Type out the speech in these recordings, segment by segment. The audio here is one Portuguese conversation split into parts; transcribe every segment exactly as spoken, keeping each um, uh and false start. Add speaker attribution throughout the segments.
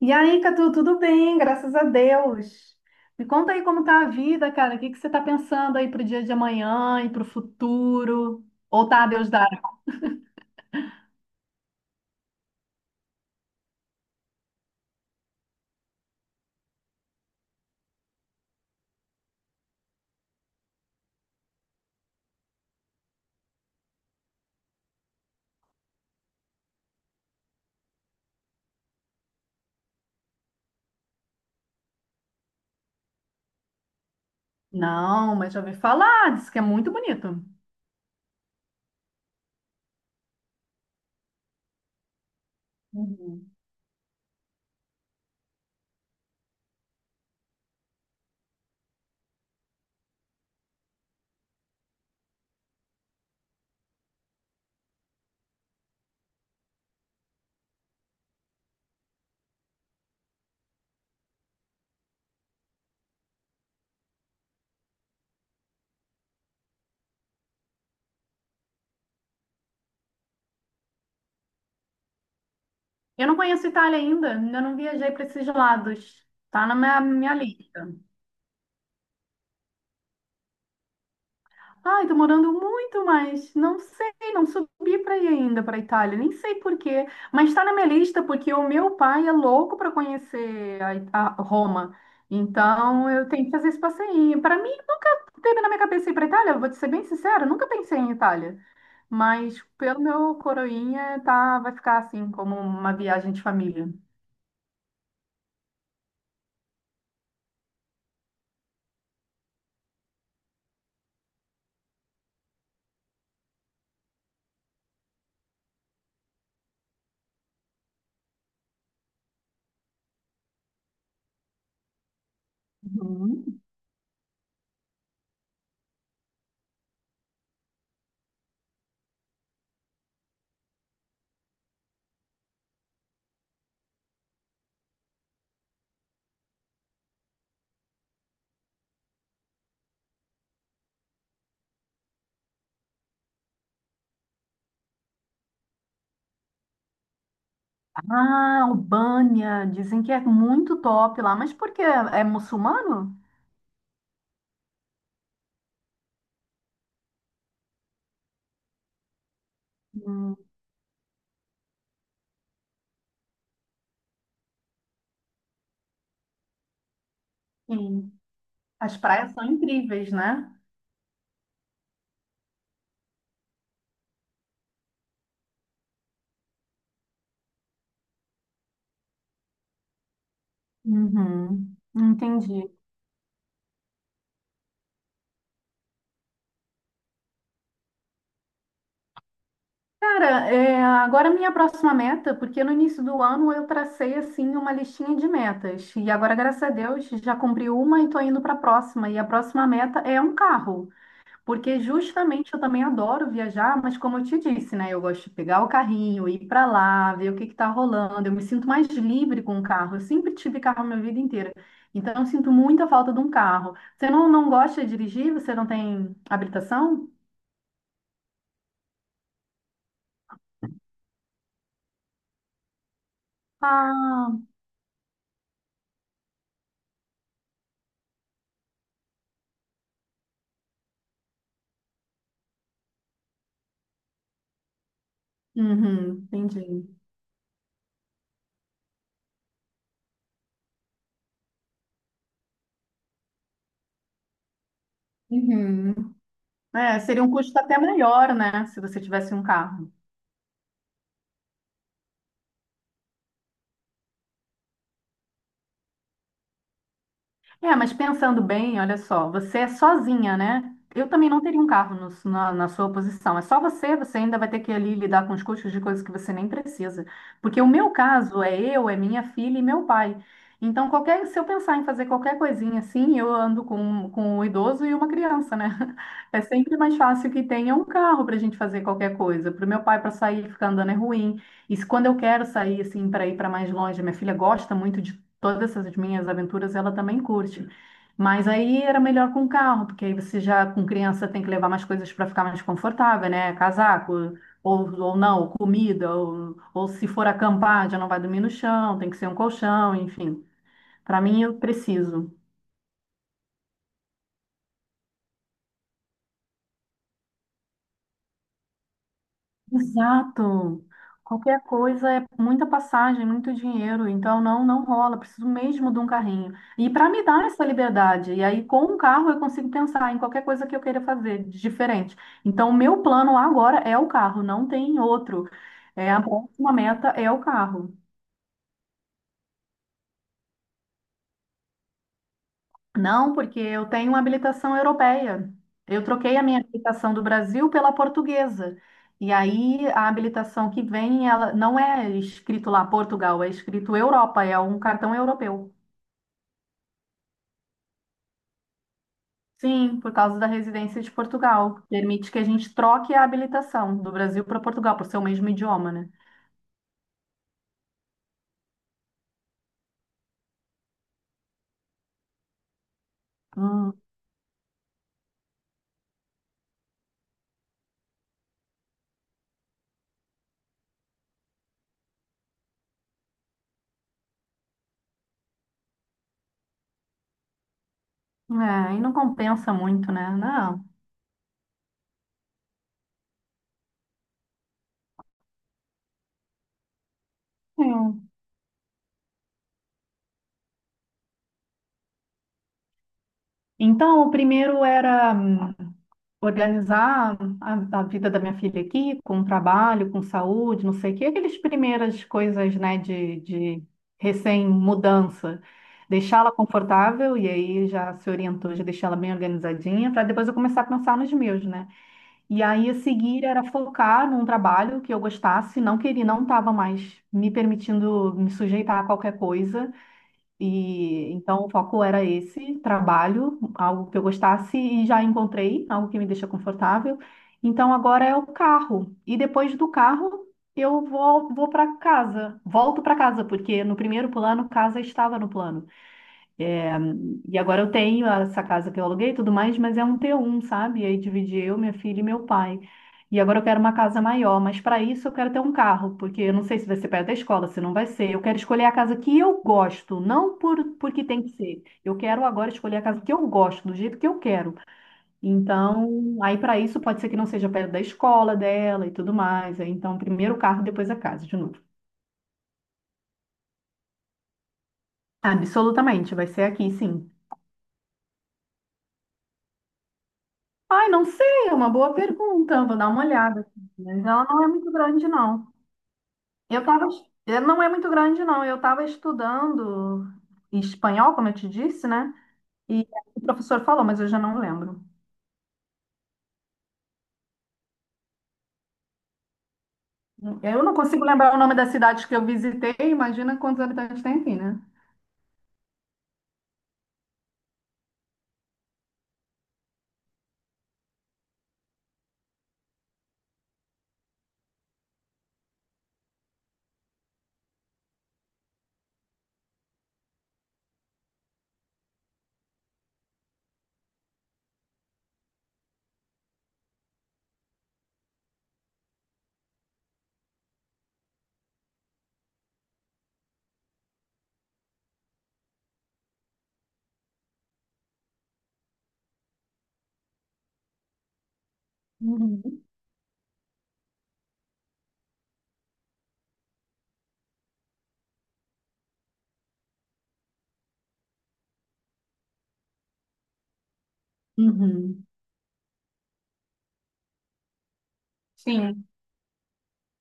Speaker 1: E aí, Catu, tudo bem? Graças a Deus. Me conta aí como tá a vida, cara. O que que você tá pensando aí pro dia de amanhã e pro futuro? Ou tá a Deus dará? Não, mas já ouvi falar, disse que é muito bonito. Uhum. Eu não conheço Itália ainda, ainda não viajei para esses lados. Tá na minha, minha lista. Ai, tô morando muito, mas não sei, não subi para ir ainda para Itália, nem sei por quê, mas está na minha lista porque o meu pai é louco para conhecer a, It- a Roma. Então eu tenho que fazer esse passeio. Para mim nunca teve na minha cabeça ir para Itália, vou te ser bem sincera, nunca pensei em Itália. Mas pelo meu coroinha tá, vai ficar assim como uma viagem de família. Uhum. Ah, Albânia, dizem que é muito top lá, mas por quê? É muçulmano? Hum, Sim. As praias são incríveis, né? Uhum, entendi. Cara, é, agora minha próxima meta, porque no início do ano eu tracei assim uma listinha de metas e agora, graças a Deus, já cumpri uma e tô indo para a próxima. E a próxima meta é um carro. Porque justamente eu também adoro viajar, mas como eu te disse, né? Eu gosto de pegar o carrinho, ir para lá, ver o que que tá rolando. Eu me sinto mais livre com o carro. Eu sempre tive carro a minha vida inteira. Então eu sinto muita falta de um carro. Você não, não gosta de dirigir? Você não tem habilitação? Ah, uhum, entendi. Uhum. É, seria um custo até maior, né? Se você tivesse um carro. É, mas pensando bem, olha só, você é sozinha, né? Eu também não teria um carro no- na, na sua posição. É só você, você ainda vai ter que ali lidar com os custos de coisas que você nem precisa. Porque o meu caso é eu, é minha filha e meu pai. Então, qualquer, se eu pensar em fazer qualquer coisinha assim, eu ando com, com um idoso e uma criança, né? É sempre mais fácil que tenha um carro para a gente fazer qualquer coisa. Para o meu pai, para sair, ficar andando é ruim. E se, quando eu quero sair, assim, para ir para mais longe, minha filha gosta muito todas essas minhas aventuras ela também curte. Mas aí era melhor com carro, porque aí você já com criança tem que levar mais coisas para ficar mais confortável, né? Casaco, ou, ou não, comida, ou, ou se for acampar, já não vai dormir no chão, tem que ser um colchão, enfim. Para mim, eu preciso. Exato. Qualquer coisa é muita passagem, muito dinheiro, então não não rola, preciso mesmo de um carrinho. E para me dar essa liberdade, e aí com um carro eu consigo pensar em qualquer coisa que eu queira fazer de diferente. Então o meu plano agora é o carro, não tem outro. É, a próxima meta é o carro. Não, porque eu tenho uma habilitação europeia. Eu troquei a minha habilitação do Brasil pela portuguesa. E aí a habilitação que vem, ela não é escrito lá Portugal, é escrito Europa, é um cartão europeu. Sim, por causa da residência de Portugal. Permite que a gente troque a habilitação do Brasil para Portugal, por ser o mesmo idioma, né? Hum, é, e não compensa muito, né? Não. Hum. Então, o primeiro era. hum, organizar a, a vida da minha filha aqui, com trabalho, com saúde, não sei o quê, aquelas primeiras coisas, né, de, de recém-mudança. Deixá-la confortável, e aí já se orientou, já deixá-la bem organizadinha, para depois eu começar a pensar nos meus, né? E aí a seguir era focar num trabalho que eu gostasse, não queria, não estava mais me permitindo me sujeitar a qualquer coisa, e então o foco era esse trabalho, algo que eu gostasse e já encontrei, algo que me deixa confortável. Então agora é o carro. E depois do carro eu vou, vou para casa, volto para casa, porque no primeiro plano casa estava no plano. E agora eu tenho essa casa que eu aluguei e tudo mais, mas é um T um, sabe? E aí dividi eu, minha filha e meu pai. E agora eu quero uma casa maior, mas para isso eu quero ter um carro, porque eu não sei se vai ser perto da escola, se não vai ser. Eu quero escolher a casa que eu gosto, não por porque tem que ser. Eu quero agora escolher a casa que eu gosto, do jeito que eu quero. Então, aí para isso pode ser que não seja perto da escola dela e tudo mais. Aí, então, primeiro o carro, depois a casa, de novo. Absolutamente, vai ser aqui, sim. Ai, não sei, é uma boa pergunta. Vou dar uma olhada. aqui. Mas ela não é muito grande, não. Eu tava, es- eh, não é muito grande, não. Eu estava estudando espanhol, como eu te disse, né? E o professor falou, mas eu já não lembro. Eu não consigo lembrar o nome das cidades que eu visitei. Imagina quantos habitantes tem aqui, né? Uhum. Uhum. Sim,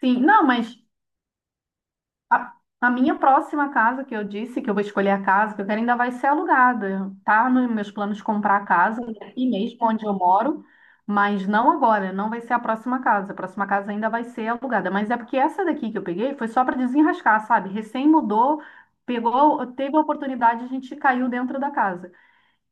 Speaker 1: sim. Não, mas A, a minha próxima casa que eu disse que eu vou escolher a casa que eu quero ainda vai ser alugada. Tá nos meus planos comprar a casa aqui mesmo onde eu moro, mas não agora, não vai ser a próxima casa. A próxima casa ainda vai ser alugada, mas é porque essa daqui que eu peguei foi só para desenrascar, sabe? Recém mudou, pegou, teve a oportunidade, a gente caiu dentro da casa.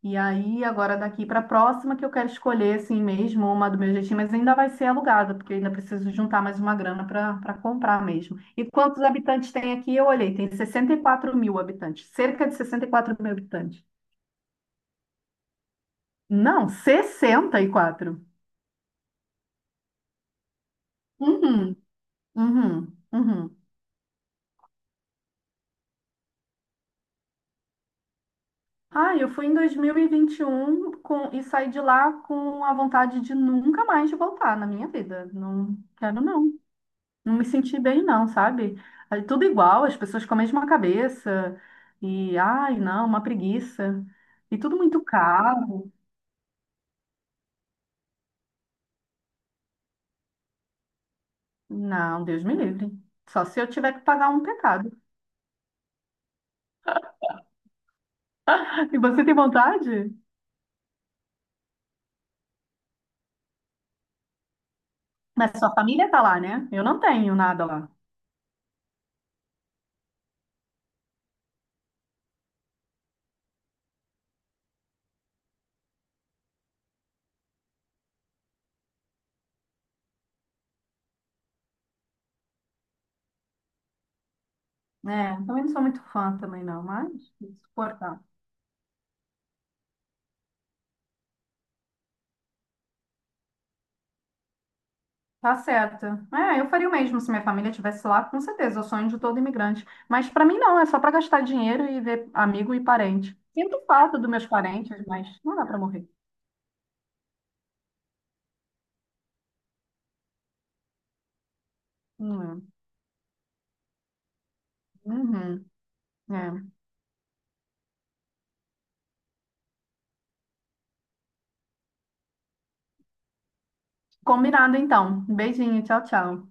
Speaker 1: E aí, agora daqui para a próxima, que eu quero escolher, assim mesmo, uma do meu jeitinho, mas ainda vai ser alugada, porque eu ainda preciso juntar mais uma grana para para comprar mesmo. E quantos habitantes tem aqui? Eu olhei, tem sessenta e quatro mil habitantes, cerca de sessenta e quatro mil habitantes. Não, sessenta e quatro. Uhum, uhum, uhum. Ah, eu fui em dois mil e vinte e um com, e saí de lá com a vontade de nunca mais voltar na minha vida. Não quero, não. Não me senti bem, não, sabe? Aí, tudo igual, as pessoas com a mesma cabeça. E, ai, não, uma preguiça. E tudo muito caro. Não, Deus me livre. Só se eu tiver que pagar um pecado. E você tem vontade? Mas sua família tá lá, né? Eu não tenho nada lá. É, também não sou muito fã também, não, mas suportar. Tá certo. É, eu faria o mesmo se minha família estivesse lá, com certeza, é o sonho de todo imigrante. Mas para mim não, é só para gastar dinheiro e ver amigo e parente. Sinto falta dos meus parentes, mas não dá para morrer. Hum, uhum, é. Combinado então. Beijinho, tchau, tchau.